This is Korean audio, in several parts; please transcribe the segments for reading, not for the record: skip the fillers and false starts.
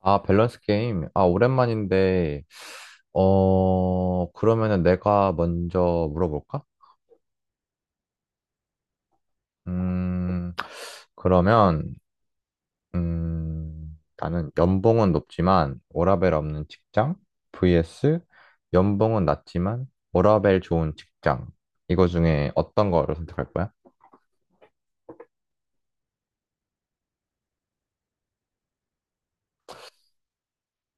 아, 밸런스 게임. 아, 오랜만인데, 그러면은 내가 먼저 물어볼까? 음, 그러면, 나는 연봉은 높지만 워라밸 없는 직장 vs 연봉은 낮지만 워라밸 좋은 직장. 이거 중에 어떤 거를 선택할 거야?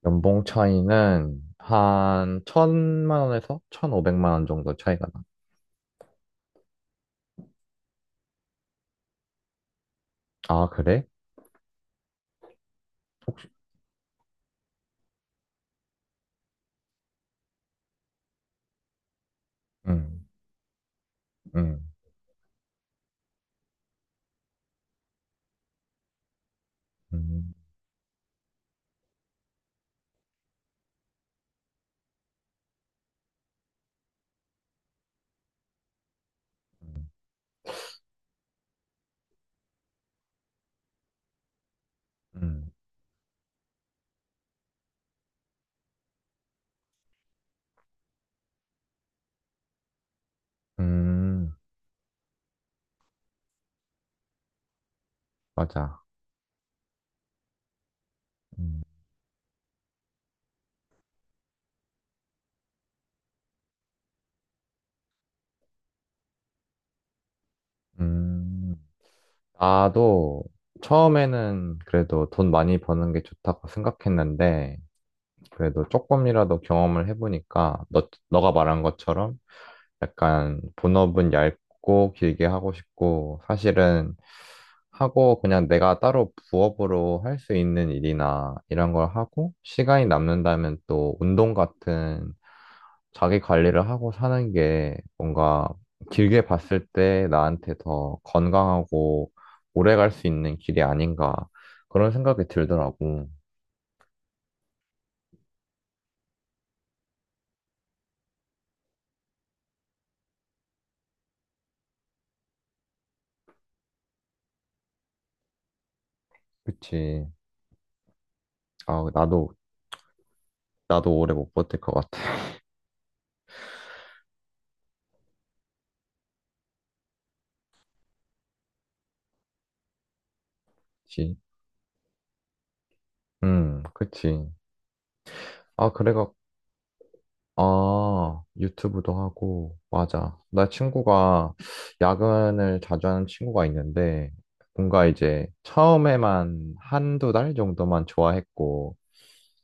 연봉 차이는 한 천만 원에서 1,500만 원 정도 차이가 나. 아, 그래? 응, 응, 응, 응. 음, 맞아. 음, 음. 나도 처음에는 그래도 돈 많이 버는 게 좋다고 생각했는데, 그래도 조금이라도 경험을 해보니까, 너가 말한 것처럼 약간 본업은 얇고 길게 하고 싶고, 사실은 하고 그냥 내가 따로 부업으로 할 수 있는 일이나 이런 걸 하고, 시간이 남는다면 또 운동 같은 자기 관리를 하고 사는 게 뭔가 길게 봤을 때 나한테 더 건강하고 오래 갈 수 있는 길이 아닌가 그런 생각이 들더라고. 그치. 아, 나도, 나도 오래 못 버틸 것 같아. 그치. 그치. 아, 그래가, 아, 유튜브도 하고, 맞아. 나 친구가 야근을 자주 하는 친구가 있는데, 뭔가 이제 처음에만 한두 달 정도만 좋아했고,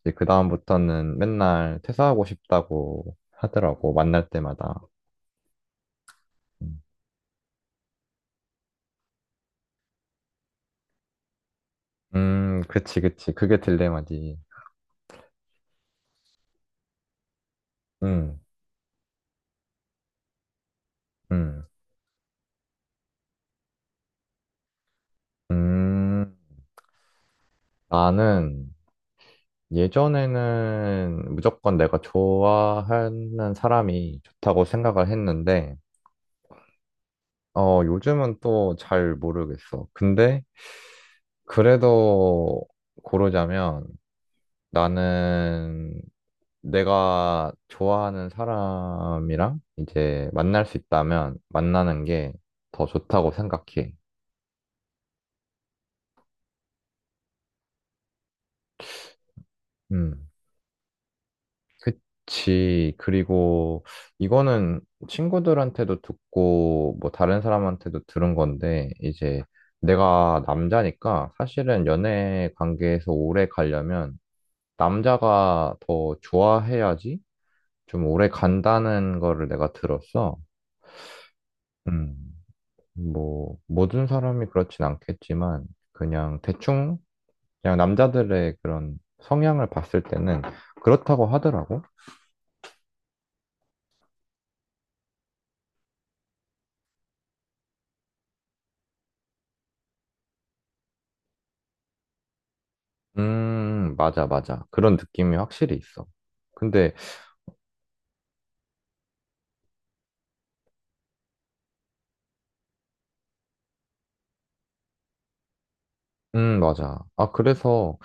이제 그다음부터는 맨날 퇴사하고 싶다고 하더라고, 만날 때마다. 음, 그치, 그치. 그게 딜레마지. 음, 음, 음. 나는 예전에는 무조건 내가 좋아하는 사람이 좋다고 생각을 했는데, 요즘은 또 잘 모르겠어. 근데 그래도 고르자면 나는 내가 좋아하는 사람이랑 이제 만날 수 있다면 만나는 게 더 좋다고 생각해. 음, 그치. 그리고 이거는 친구들한테도 듣고 뭐 다른 사람한테도 들은 건데 이제 내가 남자니까 사실은 연애 관계에서 오래 가려면 남자가 더 좋아해야지 좀 오래 간다는 거를 내가 들었어. 음. 뭐, 모든 사람이 그렇진 않겠지만, 그냥 대충, 그냥 남자들의 그런 성향을 봤을 때는 그렇다고 하더라고. 맞아, 맞아. 그런 느낌이 확실히 있어. 근데, 맞아. 아, 그래서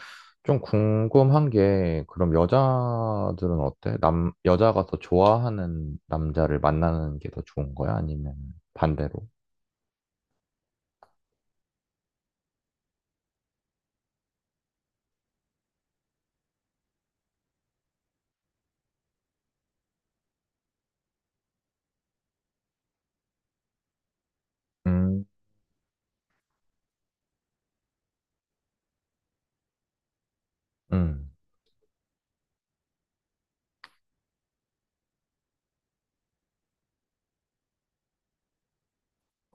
좀 궁금한 게, 그럼 여자들은 어때? 남, 여자가 더 좋아하는 남자를 만나는 게 더 좋은 거야? 아니면 반대로? 음, 음,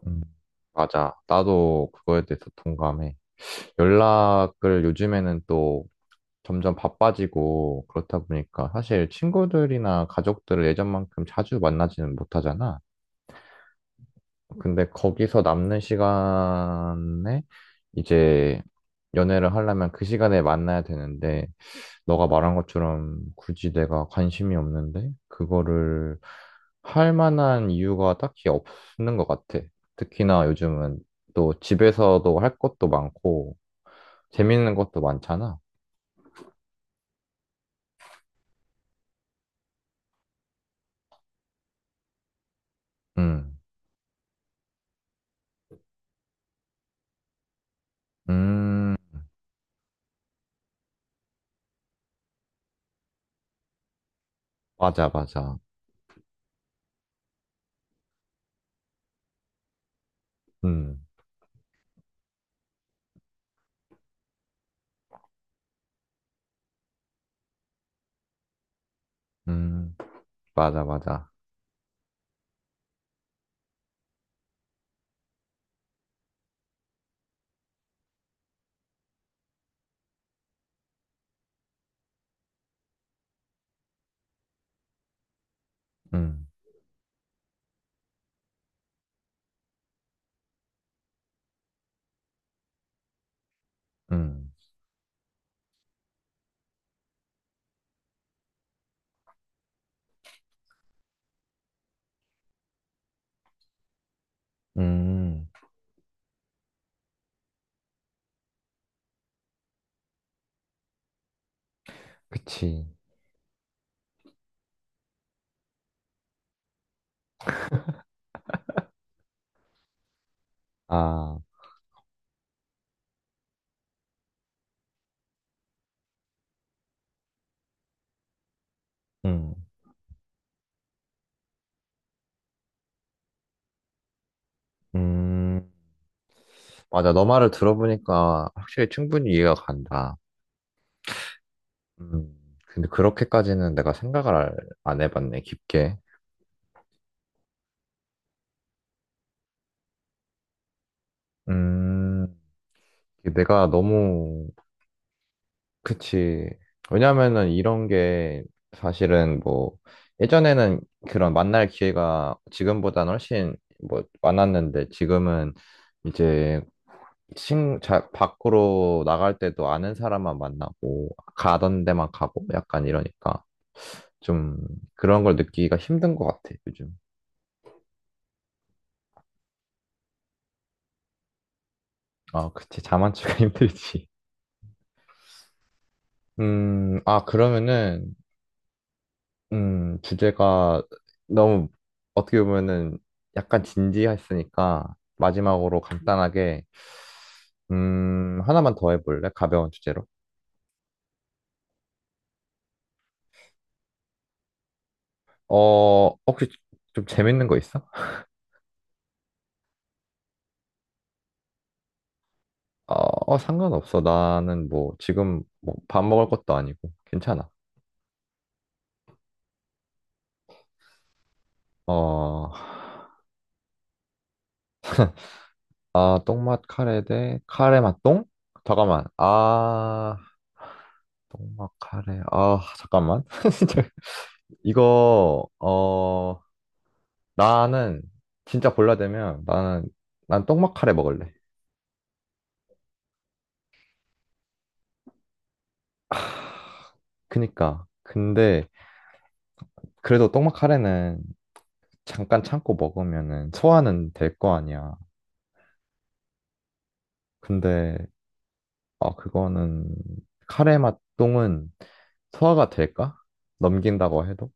음. 맞아. 나도 그거에 대해서 동감해. 연락을 요즘에는 또 점점 바빠지고 그렇다 보니까 사실 친구들이나 가족들을 예전만큼 자주 만나지는 못하잖아. 근데 거기서 남는 시간에 이제 연애를 하려면 그 시간에 만나야 되는데 너가 말한 것처럼 굳이 내가 관심이 없는데 그거를 할 만한 이유가 딱히 없는 것 같아. 특히나 요즘은 또 집에서도 할 것도 많고 재밌는 것도 많잖아. 음, 음, 맞아, 맞아. 음, 음, 맞아, 맞아. 음, 음, 음, 그치. 아, 음, 음, 맞아. 너 말을 들어보니까 확실히 충분히 이해가 간다. 음, 근데 그렇게까지는 내가 생각을 안 해봤네, 깊게. 음, 내가 너무 그치. 왜냐면은 이런 게 사실은 뭐 예전에는 그런 만날 기회가 지금보다는 훨씬 뭐 많았는데 지금은 이제 밖으로 나갈 때도 아는 사람만 만나고 가던 데만 가고 약간 이러니까 좀 그런 걸 느끼기가 힘든 것 같아, 요즘. 아, 그치. 자만추가 힘들지. 아, 그러면은 주제가 너무 어떻게 보면은 약간 진지했으니까 마지막으로 간단하게 하나만 더 해볼래? 가벼운 주제로. 혹시 좀 재밌는 거 있어? 어, 어, 상관없어. 나는 뭐 지금 뭐밥 먹을 것도 아니고 괜찮아. 어, 아, 똥맛 카레 대 카레 맛 똥? 잠깐만. 아, 똥맛 카레. 아, 잠깐만. 진짜 이거 나는 진짜 골라야 되면 나는 난 떡막 카레 먹을래. 그니까 근데 그래도 떡막 카레는 잠깐 참고 먹으면은 소화는 될 거 아니야. 근데 아 그거는 카레 맛똥은 소화가 될까? 넘긴다고 해도?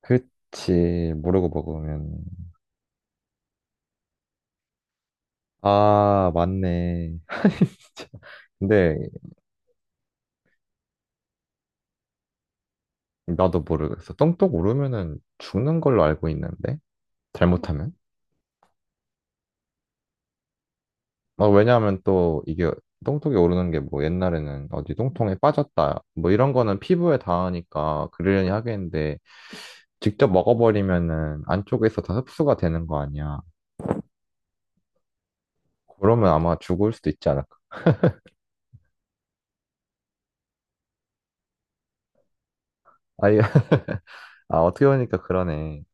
그치 모르고 먹으면 아 맞네. 진짜. 근데 나도 모르겠어. 똥똥 오르면은 죽는 걸로 알고 있는데 잘못하면? 왜냐하면 또 이게 똥통에 오르는 게 뭐 옛날에는 어디 똥통에 빠졌다 뭐 이런 거는 피부에 닿으니까 그러려니 하겠는데 직접 먹어버리면은 안쪽에서 다 흡수가 되는 거 아니야. 그러면 아마 죽을 수도 있지 않을까. 아, 아 어떻게 보니까 그러네.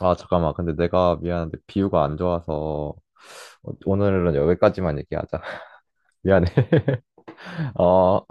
아 잠깐만 근데 내가 미안한데 비유가 안 좋아서 오늘은 여기까지만 얘기하자. 미안해. 어.